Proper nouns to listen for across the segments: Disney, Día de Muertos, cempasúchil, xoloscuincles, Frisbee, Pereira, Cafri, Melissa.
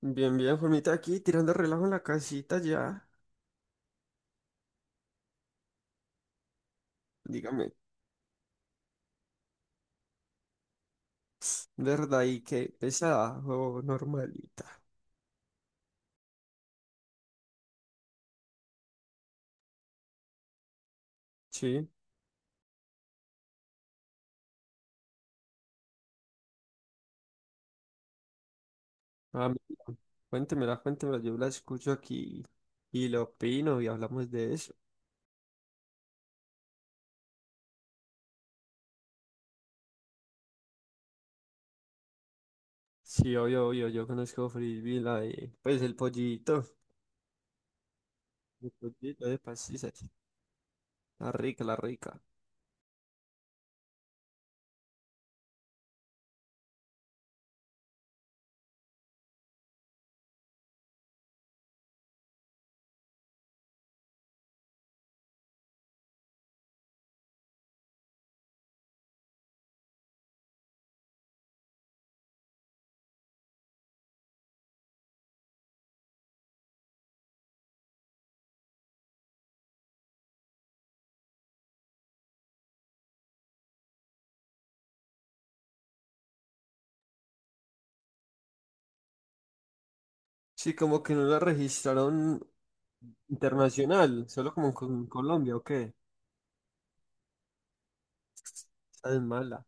Bien, bien, Juanita, aquí tirando relajo en la casita ya. Dígame, ¿verdad? ¿Y qué, pesada o normalita? Sí, ah, mira, cuéntemela, yo la escucho aquí y lo opino y hablamos de eso. Sí, obvio, obvio, yo conozco Frisbee, la de, pues el pollito de pastisas, la rica. Sí, como que no la registraron internacional, solo como en Colombia, ¿o qué? Esa es mala.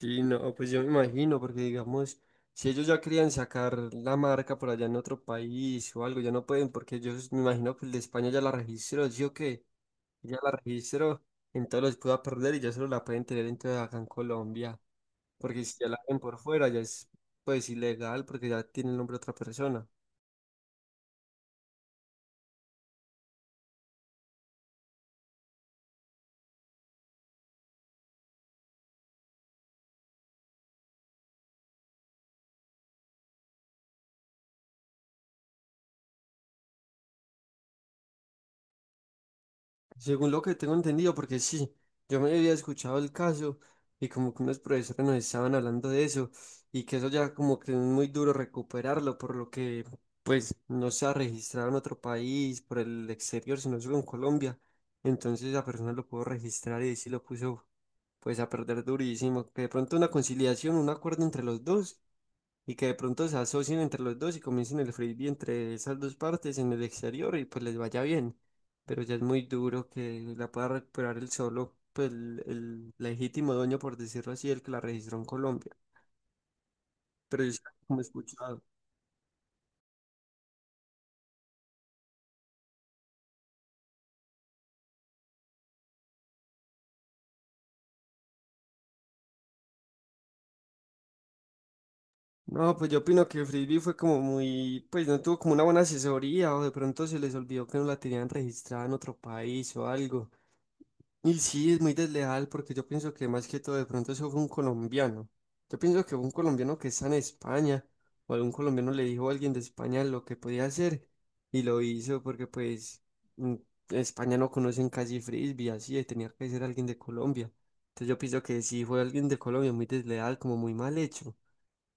Sí, no, pues yo me imagino, porque digamos, si ellos ya querían sacar la marca por allá en otro país o algo, ya no pueden, porque yo me imagino que el de España ya la registró, ¿sí o qué? Ya la registró, entonces los pueda perder y ya solo la pueden tener entonces acá en Colombia, porque si ya la ven por fuera, ya es pues ilegal, porque ya tiene el nombre de otra persona. Según lo que tengo entendido, porque sí, yo me había escuchado el caso y como que unos profesores nos estaban hablando de eso y que eso ya como que es muy duro recuperarlo, por lo que pues no se ha registrado en otro país, por el exterior, sino solo en Colombia. Entonces la persona lo pudo registrar y sí lo puso pues a perder durísimo. Que de pronto una conciliación, un acuerdo entre los dos y que de pronto se asocien entre los dos y comiencen el frisbee entre esas dos partes en el exterior y pues les vaya bien. Pero ya es muy duro que la pueda recuperar el solo, pues el legítimo dueño, por decirlo así, el que la registró en Colombia. Pero yo sí, como he escuchado. No, pues yo opino que el frisbee fue como muy, pues no tuvo como una buena asesoría o de pronto se les olvidó que no la tenían registrada en otro país o algo. Y sí, es muy desleal porque yo pienso que más que todo de pronto eso fue un colombiano. Yo pienso que fue un colombiano que está en España o algún colombiano le dijo a alguien de España lo que podía hacer y lo hizo porque pues mm, en España no conocen casi frisbee, así, tenía que ser alguien de Colombia. Entonces yo pienso que sí fue alguien de Colombia muy desleal, como muy mal hecho.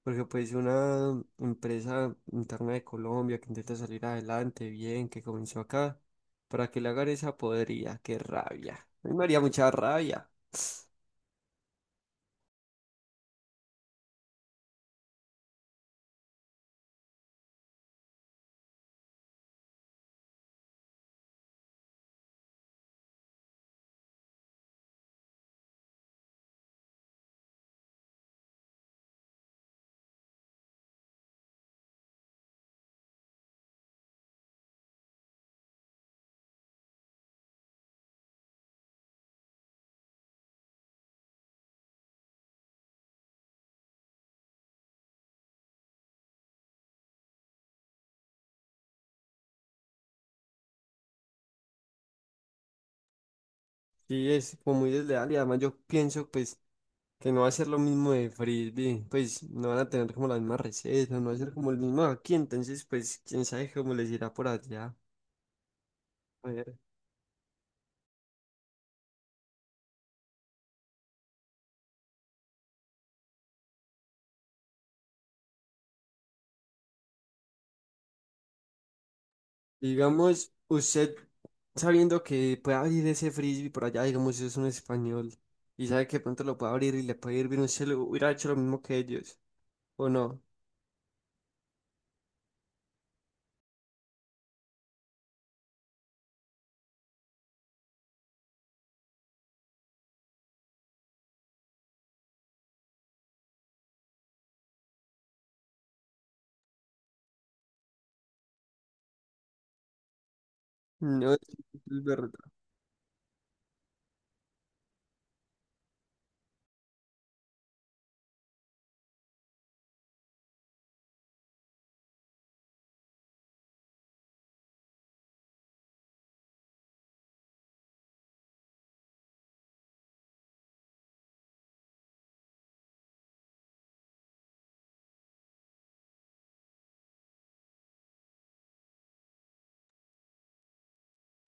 Porque pues si una empresa interna de Colombia que intenta salir adelante bien, que comenzó acá, para que le hagan esa podrida, qué rabia. A mí me haría mucha rabia. Sí, es como muy desleal y además yo pienso pues que no va a ser lo mismo de frisbee, pues no van a tener como la misma receta, no va a ser como el mismo aquí, entonces pues quién sabe cómo les irá por allá. Digamos, usted sabiendo que puede abrir ese frisbee por allá, digamos, si es un español y sabe que pronto lo puede abrir y le puede ir bien, usted lo hubiera hecho lo mismo que ellos, ¿o no? No, sí, es verdad.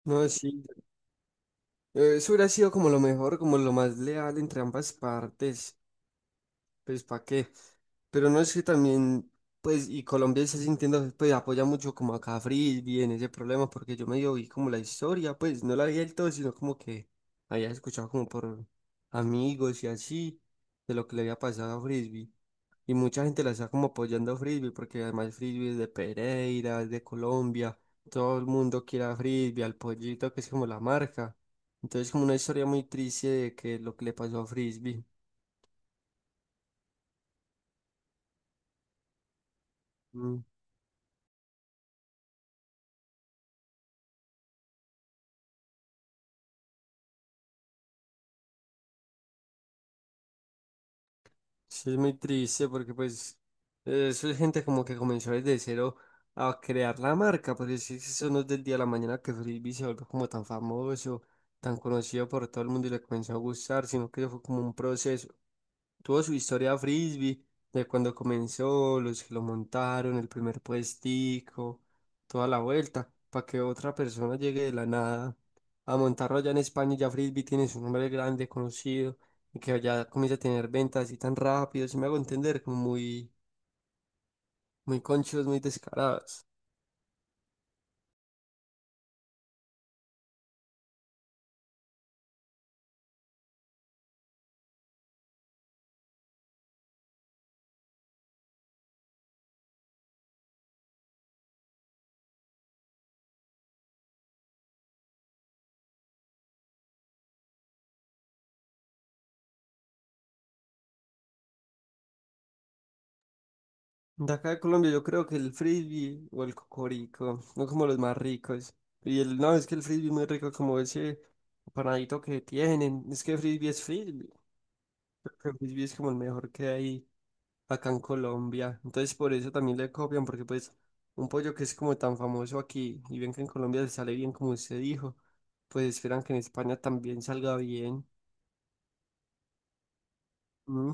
No, sí. Eso hubiera sido como lo mejor, como lo más leal entre ambas partes. Pues, ¿para qué? Pero no es que también, pues, y Colombia está sintiendo, pues, apoya mucho como a Cafri en ese problema, porque yo medio vi como la historia, pues, no la vi del todo, sino como que había escuchado como por amigos y así, de lo que le había pasado a Frisbee. Y mucha gente la está como apoyando a Frisbee, porque además Frisbee es de Pereira, es de Colombia, todo el mundo quiere a Frisbee, al pollito, que es como la marca. Entonces, como una historia muy triste de que lo que le pasó a Frisbee. Mm. Sí, es muy triste porque pues eso es gente como que comenzó desde cero a crear la marca, porque si eso no es del día a la mañana que Frisbee se volvió como tan famoso, tan conocido por todo el mundo y le comenzó a gustar, sino que eso fue como un proceso. Tuvo su historia Frisbee, de cuando comenzó, los que lo montaron, el primer puestico, toda la vuelta, para que otra persona llegue de la nada a montarlo allá en España, y ya Frisbee tiene su nombre grande, conocido y que ya comience a tener ventas así tan rápido, si me hago entender, como muy, muy conchos, muy descarados. De acá de Colombia yo creo que el frisbee o el cocorico son como los más ricos. Y el, no, es que el frisbee es muy rico como ese panadito que tienen. Es que frisbee es frisbee. Creo que el frisbee es como el mejor que hay acá en Colombia. Entonces por eso también le copian, porque pues un pollo que es como tan famoso aquí y bien que en Colombia le sale bien como usted dijo, pues esperan que en España también salga bien. Mm.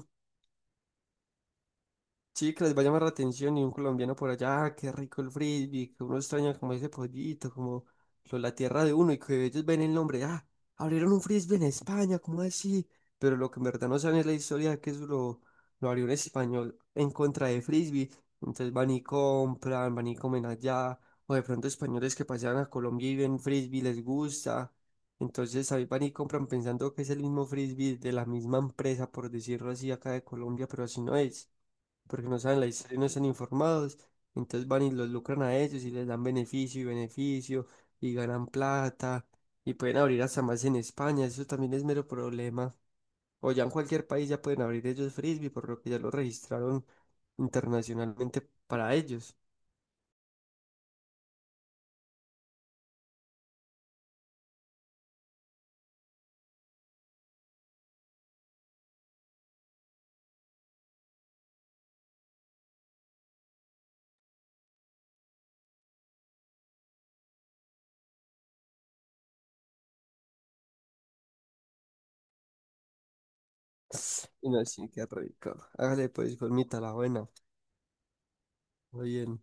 Sí, que les va a llamar la atención y un colombiano por allá, "Ah, qué rico el frisbee, que uno extraña como ese pollito, como la tierra de uno y que ellos ven el nombre, ah, abrieron un frisbee en España, ¿cómo así?" Pero lo que en verdad no saben es la historia de que lo abrió un español en contra de frisbee, entonces van y compran, van y comen allá, o de pronto españoles que pasean a Colombia y ven frisbee, les gusta, entonces ahí van y compran pensando que es el mismo frisbee de la misma empresa, por decirlo así, acá de Colombia, pero así no es porque no saben la historia y no están informados, entonces van y los lucran a ellos y les dan beneficio y beneficio y ganan plata y pueden abrir hasta más en España, eso también es mero problema. O ya en cualquier país ya pueden abrir ellos frisbee, por lo que ya lo registraron internacionalmente para ellos. Y no, sí, qué rico. Hágale pues, colmita, la buena. Muy bien.